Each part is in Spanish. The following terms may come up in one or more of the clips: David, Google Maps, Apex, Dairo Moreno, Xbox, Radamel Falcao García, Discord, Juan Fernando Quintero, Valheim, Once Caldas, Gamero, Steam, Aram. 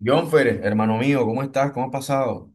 Jonfer, hermano mío, ¿cómo estás? ¿Cómo has pasado?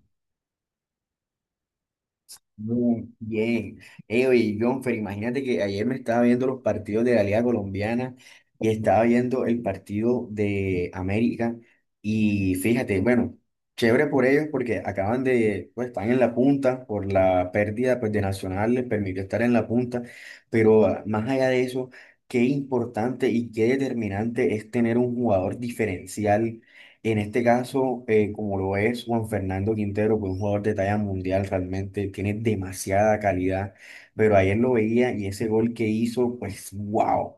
Muy bien. Oye, Jonfer, imagínate que ayer me estaba viendo los partidos de la Liga Colombiana y estaba viendo el partido de América y fíjate, bueno, chévere por ellos porque acaban de, pues están en la punta por la pérdida, pues, de Nacional, les permitió estar en la punta, pero más allá de eso, qué importante y qué determinante es tener un jugador diferencial en este caso, como lo es Juan Fernando Quintero, que es un jugador de talla mundial realmente, tiene demasiada calidad, pero ayer lo veía y ese gol que hizo, pues wow.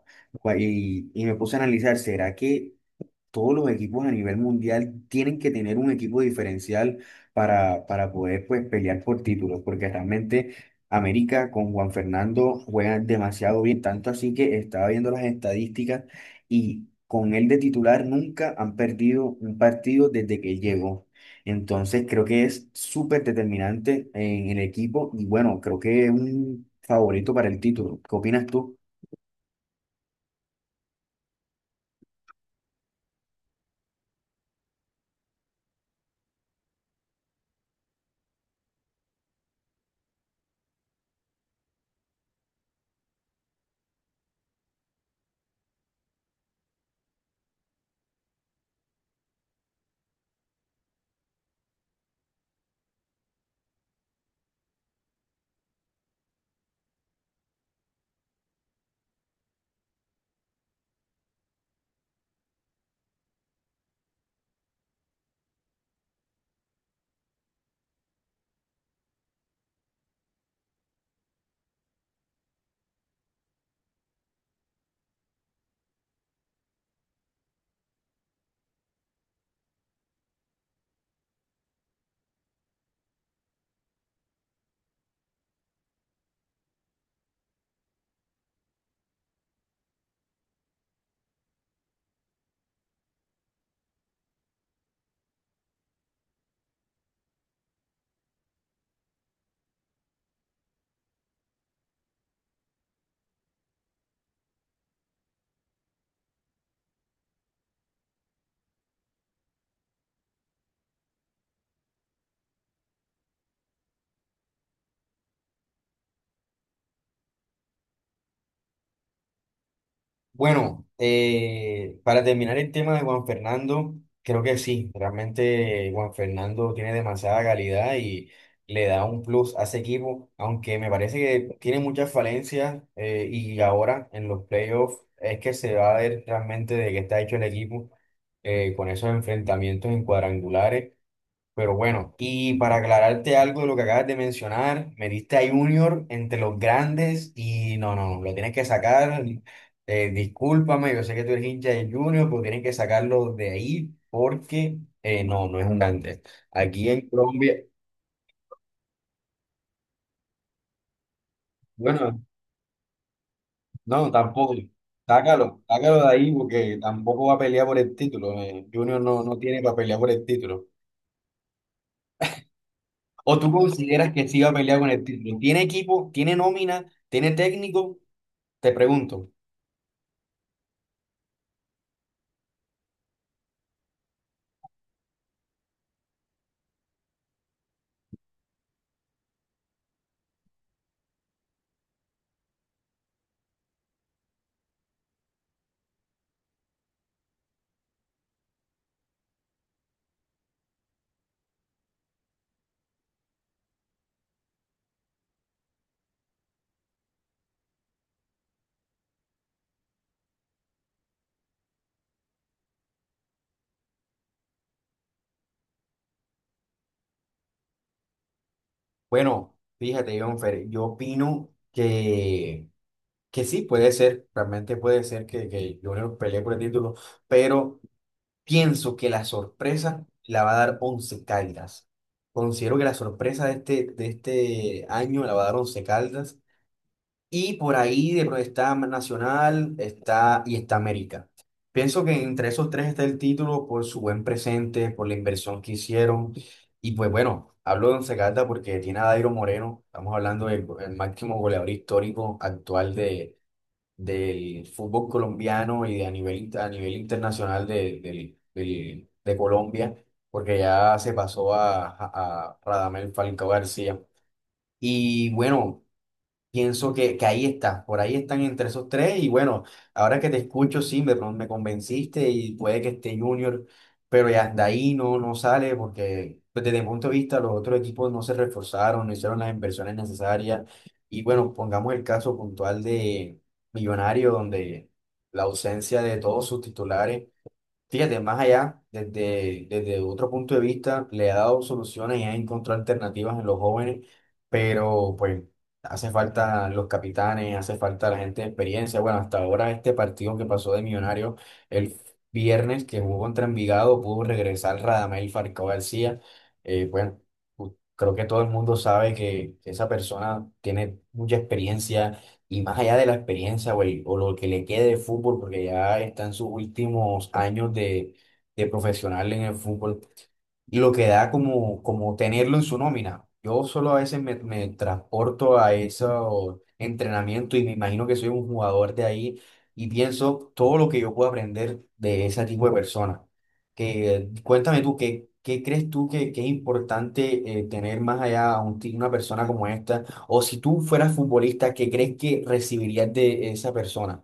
Y me puse a analizar, ¿será que todos los equipos a nivel mundial tienen que tener un equipo diferencial para poder, pues, pelear por títulos? Porque realmente América con Juan Fernando juega demasiado bien, tanto así que estaba viendo las estadísticas y con él de titular nunca han perdido un partido desde que llegó. Entonces creo que es súper determinante en el equipo y, bueno, creo que es un favorito para el título. ¿Qué opinas tú? Bueno, para terminar el tema de Juan Fernando, creo que sí, realmente Juan Fernando tiene demasiada calidad y le da un plus a ese equipo, aunque me parece que tiene muchas falencias, y ahora en los playoffs es que se va a ver realmente de qué está hecho el equipo, con esos enfrentamientos en cuadrangulares. Pero bueno, y para aclararte algo de lo que acabas de mencionar, me diste a Junior entre los grandes y no, no, no, lo tienes que sacar. Discúlpame, yo sé que tú eres hincha de Junior, pero tienes que sacarlo de ahí porque no, no es un grande. Aquí en Colombia, bueno, no, tampoco. Sácalo, sácalo de ahí porque tampoco va a pelear por el título. Junior no, no tiene para pelear por el título. ¿O tú consideras que sí va a pelear con el título? ¿Tiene equipo? ¿Tiene nómina? ¿Tiene técnico? Te pregunto. Bueno, fíjate, Jonfer, yo opino que sí, puede ser, realmente puede ser que Junior pelee por el título, pero pienso que la sorpresa la va a dar Once Caldas. Considero que la sorpresa de este año la va a dar Once Caldas y por ahí de está Nacional está, y está América. Pienso que entre esos tres está el título por su buen presente, por la inversión que hicieron. Y pues bueno, hablo de Once Caldas porque tiene a Dairo Moreno. Estamos hablando el máximo goleador histórico actual de, del fútbol colombiano y de a nivel, a nivel internacional de, de Colombia, porque ya se pasó a Radamel Falcao García. Y bueno. Pienso que ahí está, por ahí están entre esos tres y bueno, ahora que te escucho, sí, me convenciste y puede que esté Junior, pero ya de ahí no, no sale porque, pues, desde mi punto de vista los otros equipos no se reforzaron, no hicieron las inversiones necesarias y, bueno, pongamos el caso puntual de Millonario donde la ausencia de todos sus titulares. Fíjate, más allá, desde otro punto de vista, le ha dado soluciones y ha encontrado alternativas en los jóvenes, pero pues hace falta los capitanes, hace falta la gente de experiencia. Bueno, hasta ahora este partido que pasó de Millonario el viernes que jugó contra Envigado pudo regresar Radamel Falcao García. Bueno, creo que todo el mundo sabe que esa persona tiene mucha experiencia y más allá de la experiencia, güey, o lo que le quede de fútbol, porque ya está en sus últimos años de profesional en el fútbol, lo que da como, como tenerlo en su nómina. Yo solo a veces me transporto a ese entrenamiento y me imagino que soy un jugador de ahí y pienso todo lo que yo puedo aprender de ese tipo de personas. Que, cuéntame tú, qué crees tú que es importante, tener más allá a una persona como esta. O si tú fueras futbolista, ¿qué crees que recibirías de esa persona?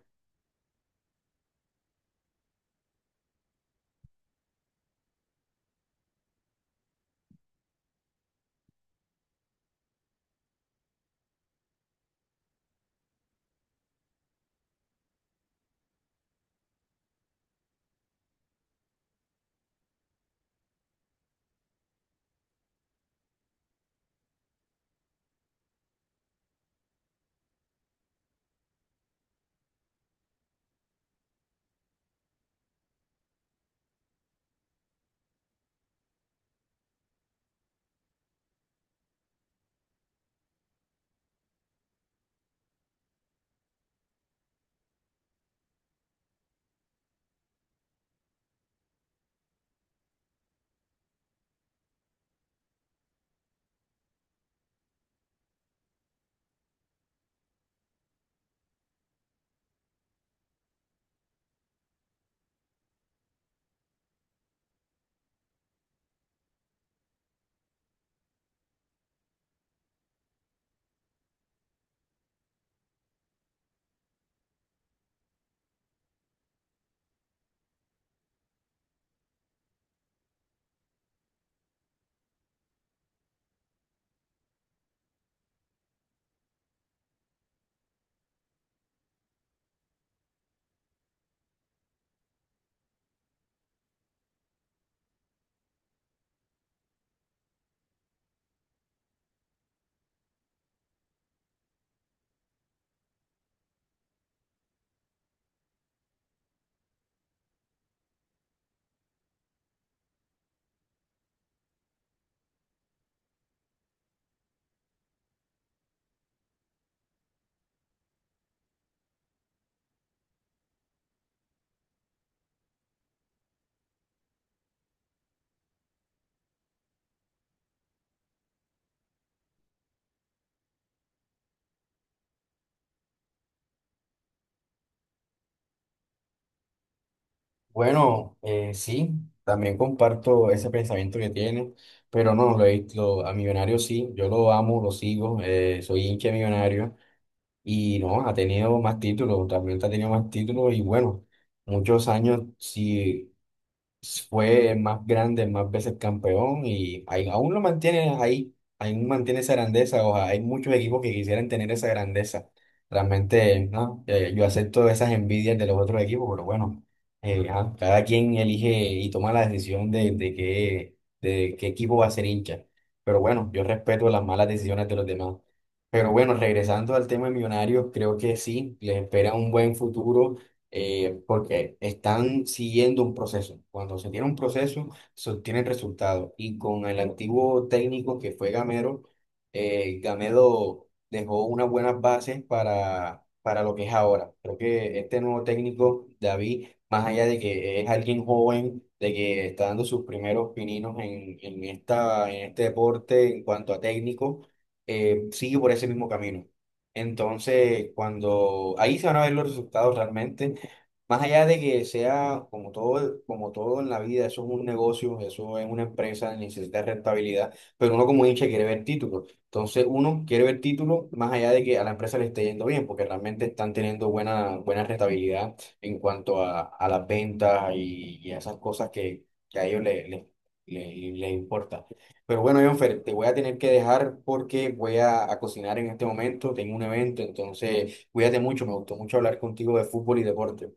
Bueno, sí, también comparto ese pensamiento que tiene, pero no, a Millonario sí, yo lo amo, lo sigo, soy hincha de Millonario y no, ha tenido más títulos, también ha tenido más títulos y bueno, muchos años, sí fue el más grande, más veces campeón y aún lo mantiene ahí, aún mantiene esa grandeza. O sea, hay muchos equipos que quisieran tener esa grandeza. Realmente, no, yo acepto esas envidias de los otros equipos, pero bueno, ajá, cada quien elige y toma la decisión de qué equipo va a ser hincha. Pero bueno, yo respeto las malas decisiones de los demás. Pero bueno, regresando al tema de Millonarios, creo que sí, les espera un buen futuro, porque están siguiendo un proceso. Cuando se tiene un proceso, se obtienen resultados. Y con el antiguo técnico que fue Gamero, Gamero dejó unas buenas bases para lo que es ahora. Creo que este nuevo técnico, David, más allá de que es alguien joven, de que está dando sus primeros pininos en esta, en este deporte en cuanto a técnico, sigue por ese mismo camino. Entonces, cuando ahí se van a ver los resultados realmente, más allá de que sea como todo en la vida, eso es un negocio, eso es una empresa, necesita rentabilidad, pero uno como hincha quiere ver títulos. Entonces uno quiere ver títulos más allá de que a la empresa le esté yendo bien, porque realmente están teniendo buena, buena rentabilidad en cuanto a las ventas y a esas cosas que a ellos les importa. Pero bueno, Jonfer, te voy a tener que dejar porque voy a cocinar en este momento, tengo un evento, entonces cuídate mucho, me gustó mucho hablar contigo de fútbol y deporte.